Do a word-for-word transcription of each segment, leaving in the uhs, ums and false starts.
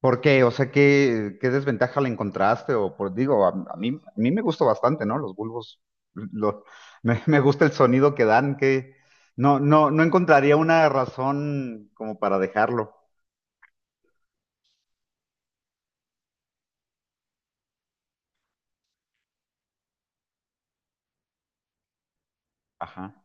¿Por qué? O sea, ¿qué, qué desventaja le encontraste? O por, digo, a, a mí, a mí me gustó bastante, ¿no? Los bulbos, lo- me, me gusta el sonido que dan, que no, no, no encontraría una razón como para dejarlo. Ajá.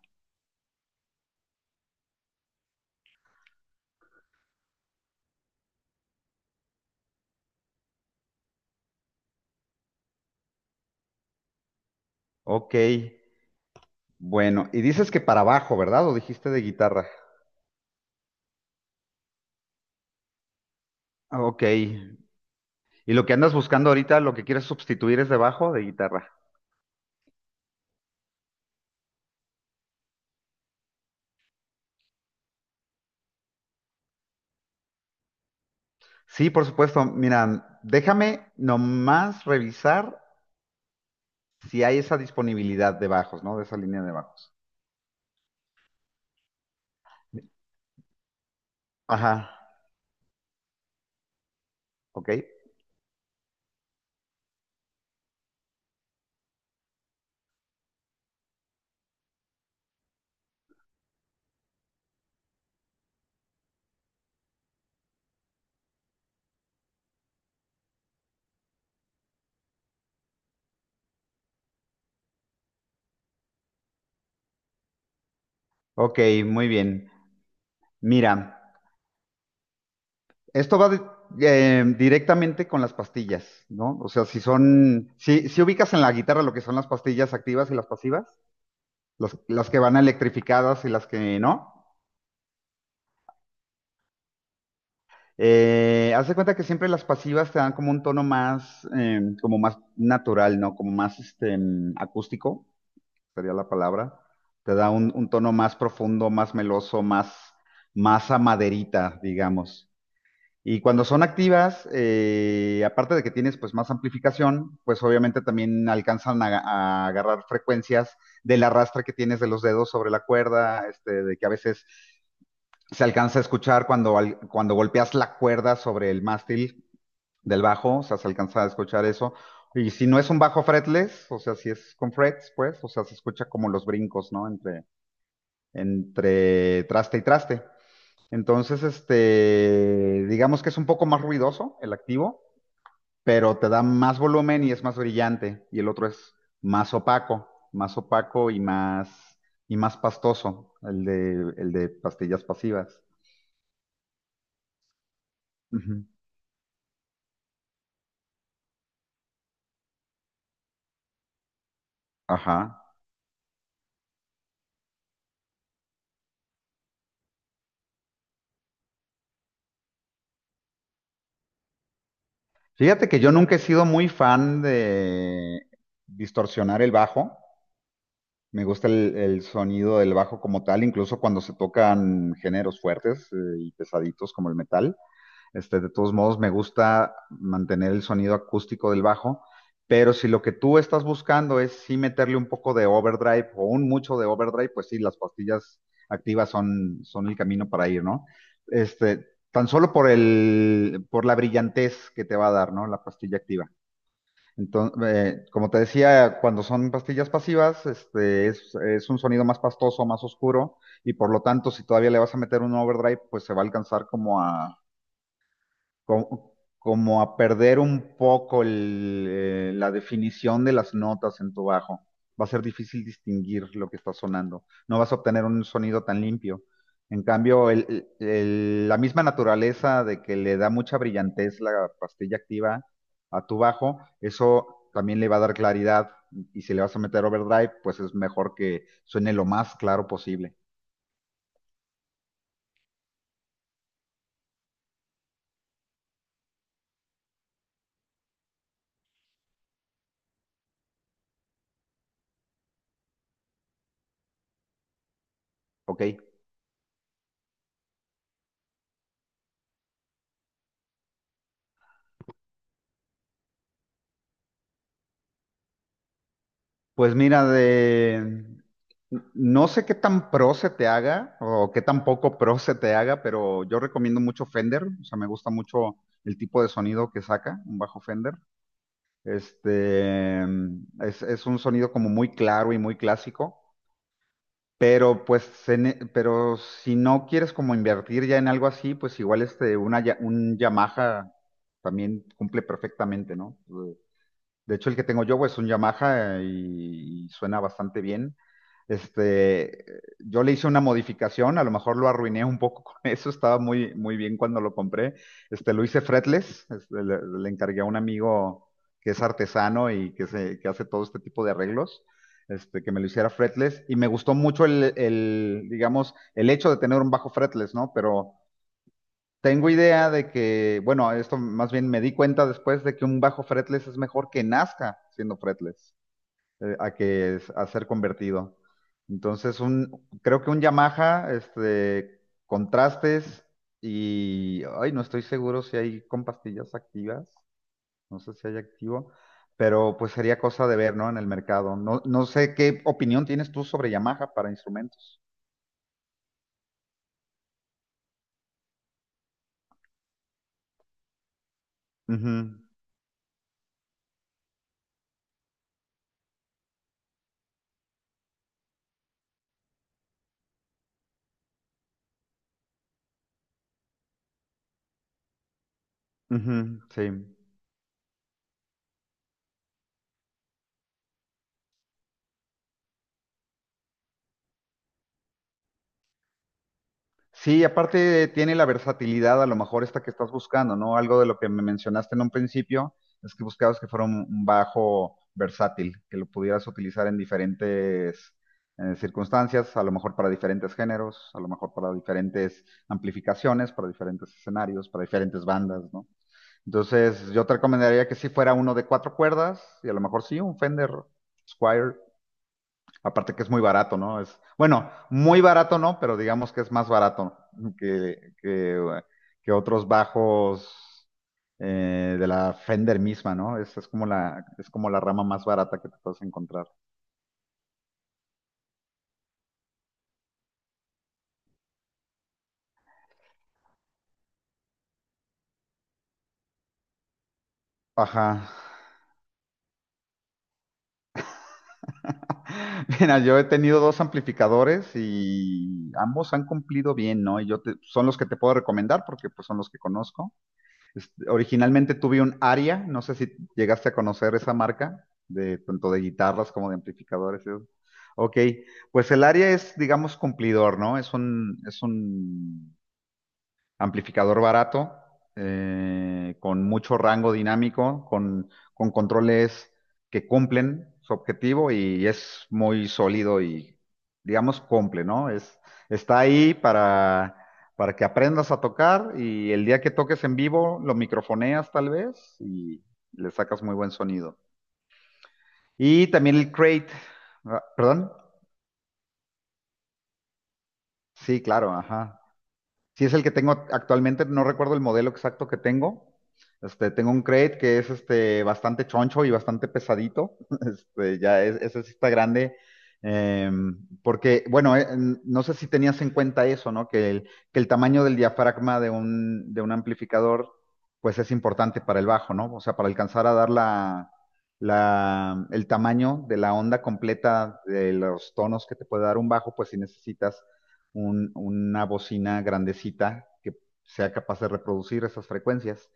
Ok. Bueno, y dices que para bajo, ¿verdad? ¿O dijiste de guitarra? Ah, Ok. ¿Y lo que andas buscando ahorita, lo que quieres sustituir es de bajo o de guitarra? Sí, por supuesto. Mira, déjame nomás revisar si hay esa disponibilidad de bajos, ¿no? De esa línea de bajos. Ajá, ok. Ok, muy bien. Mira, esto va de- eh, directamente con las pastillas, ¿no? O sea, si son, si, si ubicas en la guitarra lo que son las pastillas activas y las pasivas, las, las que van electrificadas y las que no. Eh, haz de cuenta que siempre las pasivas te dan como un tono más, eh, como más natural, ¿no? Como más este, mm, acústico, sería la palabra. Te da un, un tono más profundo, más meloso, más, más a maderita, digamos. Y cuando son activas, eh, aparte de que tienes pues más amplificación, pues obviamente también alcanzan a, a agarrar frecuencias del arrastre que tienes de los dedos sobre la cuerda, este, de que a veces se alcanza a escuchar cuando, al- cuando golpeas la cuerda sobre el mástil del bajo, o sea, se alcanza a escuchar eso. Y si no es un bajo fretless, o sea, si es con frets, pues, o sea, se escucha como los brincos, ¿no? Entre, entre traste y traste. Entonces, este, digamos que es un poco más ruidoso el activo, pero te da más volumen y es más brillante. Y el otro es más opaco, más opaco y más, y más pastoso, el de, el de pastillas pasivas. Ujú. Ajá. Fíjate que yo nunca he sido muy fan de distorsionar el bajo. Me gusta el, el sonido del bajo como tal, incluso cuando se tocan géneros fuertes, eh, y pesaditos como el metal. Este, de todos modos, me gusta mantener el sonido acústico del bajo, pero si lo que tú estás buscando es sí meterle un poco de overdrive o un mucho de overdrive, pues sí, las pastillas activas son, son el camino para ir, ¿no? Este, tan solo por el, por la brillantez que te va a dar, ¿no? La pastilla activa. Entonces, eh, como te decía, cuando son pastillas pasivas, este, es, es un sonido más pastoso, más oscuro, y por lo tanto, si todavía le vas a meter un overdrive, pues se va a alcanzar como a, co- como a perder un poco el, eh, la definición de las notas en tu bajo. Va a ser difícil distinguir lo que está sonando. No vas a obtener un sonido tan limpio. En cambio, el- el- el- la misma naturaleza de que le da mucha brillantez la pastilla activa a tu bajo, eso también le va a dar claridad. Y si le vas a meter overdrive, pues es mejor que suene lo más claro posible. ¿Ok? Pues mira, de... No sé qué tan pro se te haga o qué tan poco pro se te haga, pero yo recomiendo mucho Fender. O sea, me gusta mucho el tipo de sonido que saca un bajo Fender. Este es, es un sonido como muy claro y muy clásico, pero pues se ne- pero si no quieres como invertir ya en algo así, pues igual este una Ya- un Yamaha también cumple perfectamente, ¿no? De hecho, el que tengo yo pues, es un Yamaha eh, y, y suena bastante bien. Este, yo le hice una modificación, a lo mejor lo arruiné un poco con eso, estaba muy, muy bien cuando lo compré. Este, lo hice fretless, este, le, le encargué a un amigo que es artesano y que, se, que hace todo este tipo de arreglos, este, que me lo hiciera fretless. Y me gustó mucho el, el, digamos, el hecho de tener un bajo fretless, ¿no? Pero tengo idea de que, bueno, esto más bien me di cuenta después de que un bajo fretless es mejor que nazca siendo fretless, eh, a que es- a ser convertido. Entonces, un, creo que un Yamaha, este, contrastes y, ay, no estoy seguro si hay con pastillas activas, no sé si hay activo, pero pues sería cosa de ver, ¿no? En el mercado. No, no sé qué opinión tienes tú sobre Yamaha para instrumentos. Ujú, ujú, sí. Sí, aparte tiene la versatilidad, a lo mejor esta que estás buscando, ¿no? Algo de lo que me mencionaste en un principio, es que buscabas que fuera un un bajo versátil, que lo pudieras utilizar en diferentes eh, circunstancias, a lo mejor para diferentes géneros, a lo mejor para diferentes amplificaciones, para diferentes escenarios, para diferentes bandas, ¿no? Entonces, yo te recomendaría que sí fuera uno de cuatro cuerdas y a lo mejor sí un Fender Squire. Aparte que es muy barato, ¿no? Es, bueno, muy barato no, pero digamos que es más barato que, que, que otros bajos eh, de la Fender misma, ¿no? Es, es como la, es como la rama más barata que te puedes encontrar. Ajá. Mira, yo he tenido dos amplificadores y ambos han cumplido bien, ¿no? Y yo te- son los que te puedo recomendar porque pues son los que conozco. Es- Originalmente tuve un Aria, no sé si llegaste a conocer esa marca, de tanto de guitarras como de amplificadores. Y Ok, pues el Aria es, digamos, cumplidor, ¿no? Es un, es un amplificador barato, eh, con mucho rango dinámico, con, con controles que cumplen su objetivo y es muy sólido y, digamos, cumple, ¿no? Es, está ahí para, para que aprendas a tocar y el día que toques en vivo lo microfoneas tal vez y le sacas muy buen sonido. Y también el crate, ah, ¿perdón? Sí, claro, ajá. Si es el que tengo actualmente, no recuerdo el modelo exacto que tengo. Este, tengo un crate que es este, bastante choncho y bastante pesadito. Este, ya es, ese sí está grande. Em, porque, bueno, eh, n- no sé si tenías en cuenta eso, ¿no? Que el, que el tamaño del diafragma de un, de un amplificador, pues es importante para el bajo, ¿no? O sea, para alcanzar a dar la, la- el tamaño de la onda completa de los tonos que te puede dar un bajo, pues si necesitas un- una bocina grandecita que sea capaz de reproducir esas frecuencias.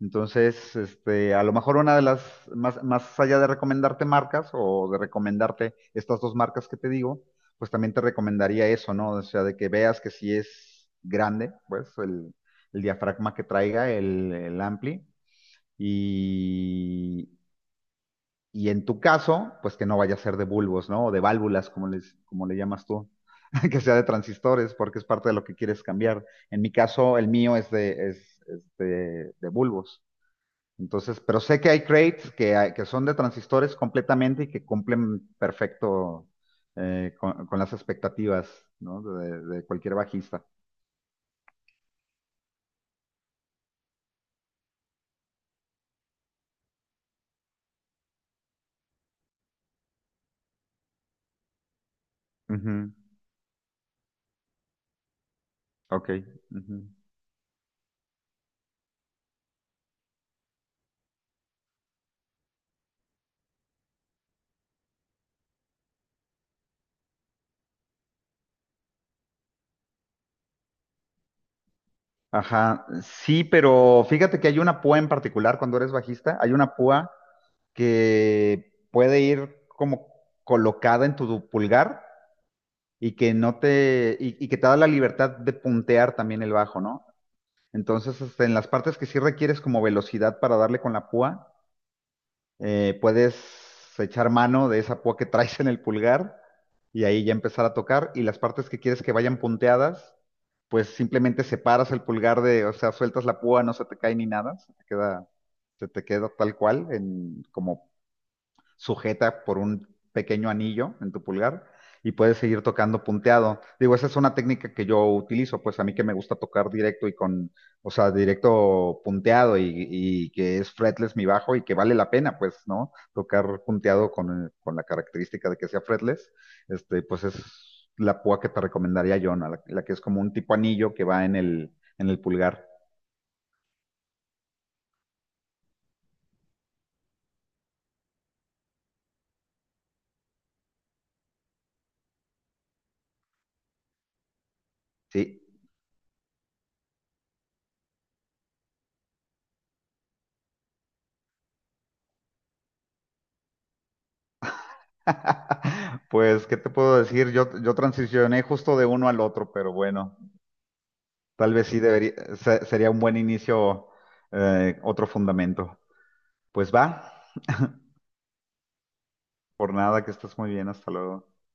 Entonces, este, a lo mejor una de las, más, más allá de recomendarte marcas o de recomendarte estas dos marcas que te digo, pues también te recomendaría eso, ¿no? O sea, de que veas que si es grande, pues el, el diafragma que traiga el, el ampli y, y en tu caso, pues que no vaya a ser de bulbos, ¿no? O de válvulas, como, les, como le llamas tú, que sea de transistores, porque es parte de lo que quieres cambiar. En mi caso, el mío es de, es, es de, de bulbos. Entonces, pero sé que hay crates que, hay- que son de transistores completamente y que cumplen perfecto eh, con, con las expectativas, ¿no? De, de cualquier bajista. Ujú, Ok. Ujú. Ajá, sí, pero fíjate que hay una púa en particular cuando eres bajista, hay una púa que puede ir como colocada en tu pulgar y que no te, y, y que te da la libertad de puntear también el bajo, ¿no? Entonces, este, en las partes que sí requieres como velocidad para darle con la púa, eh, puedes echar mano de esa púa que traes en el pulgar y ahí ya empezar a tocar. Y las partes que quieres que vayan punteadas, pues simplemente separas el pulgar de, o sea, sueltas la púa, no se te cae ni nada, se te queda, se te queda tal cual, en, como sujeta por un pequeño anillo en tu pulgar y puedes seguir tocando punteado. Digo, esa es una técnica que yo utilizo, pues a mí que me gusta tocar directo y con, o sea, directo punteado y, y que es fretless mi bajo y que vale la pena, pues, ¿no? Tocar punteado con, con la característica de que sea fretless, este, pues es la púa que te recomendaría yo, ¿no? La, la que es como un tipo anillo que va en el, en el pulgar, ¿sí? Pues, ¿qué te puedo decir? Yo, yo transicioné justo de uno al otro, pero bueno. Tal vez sí debería, se- sería un buen inicio, eh, otro fundamento. Pues va, por nada, que estés muy bien, hasta luego.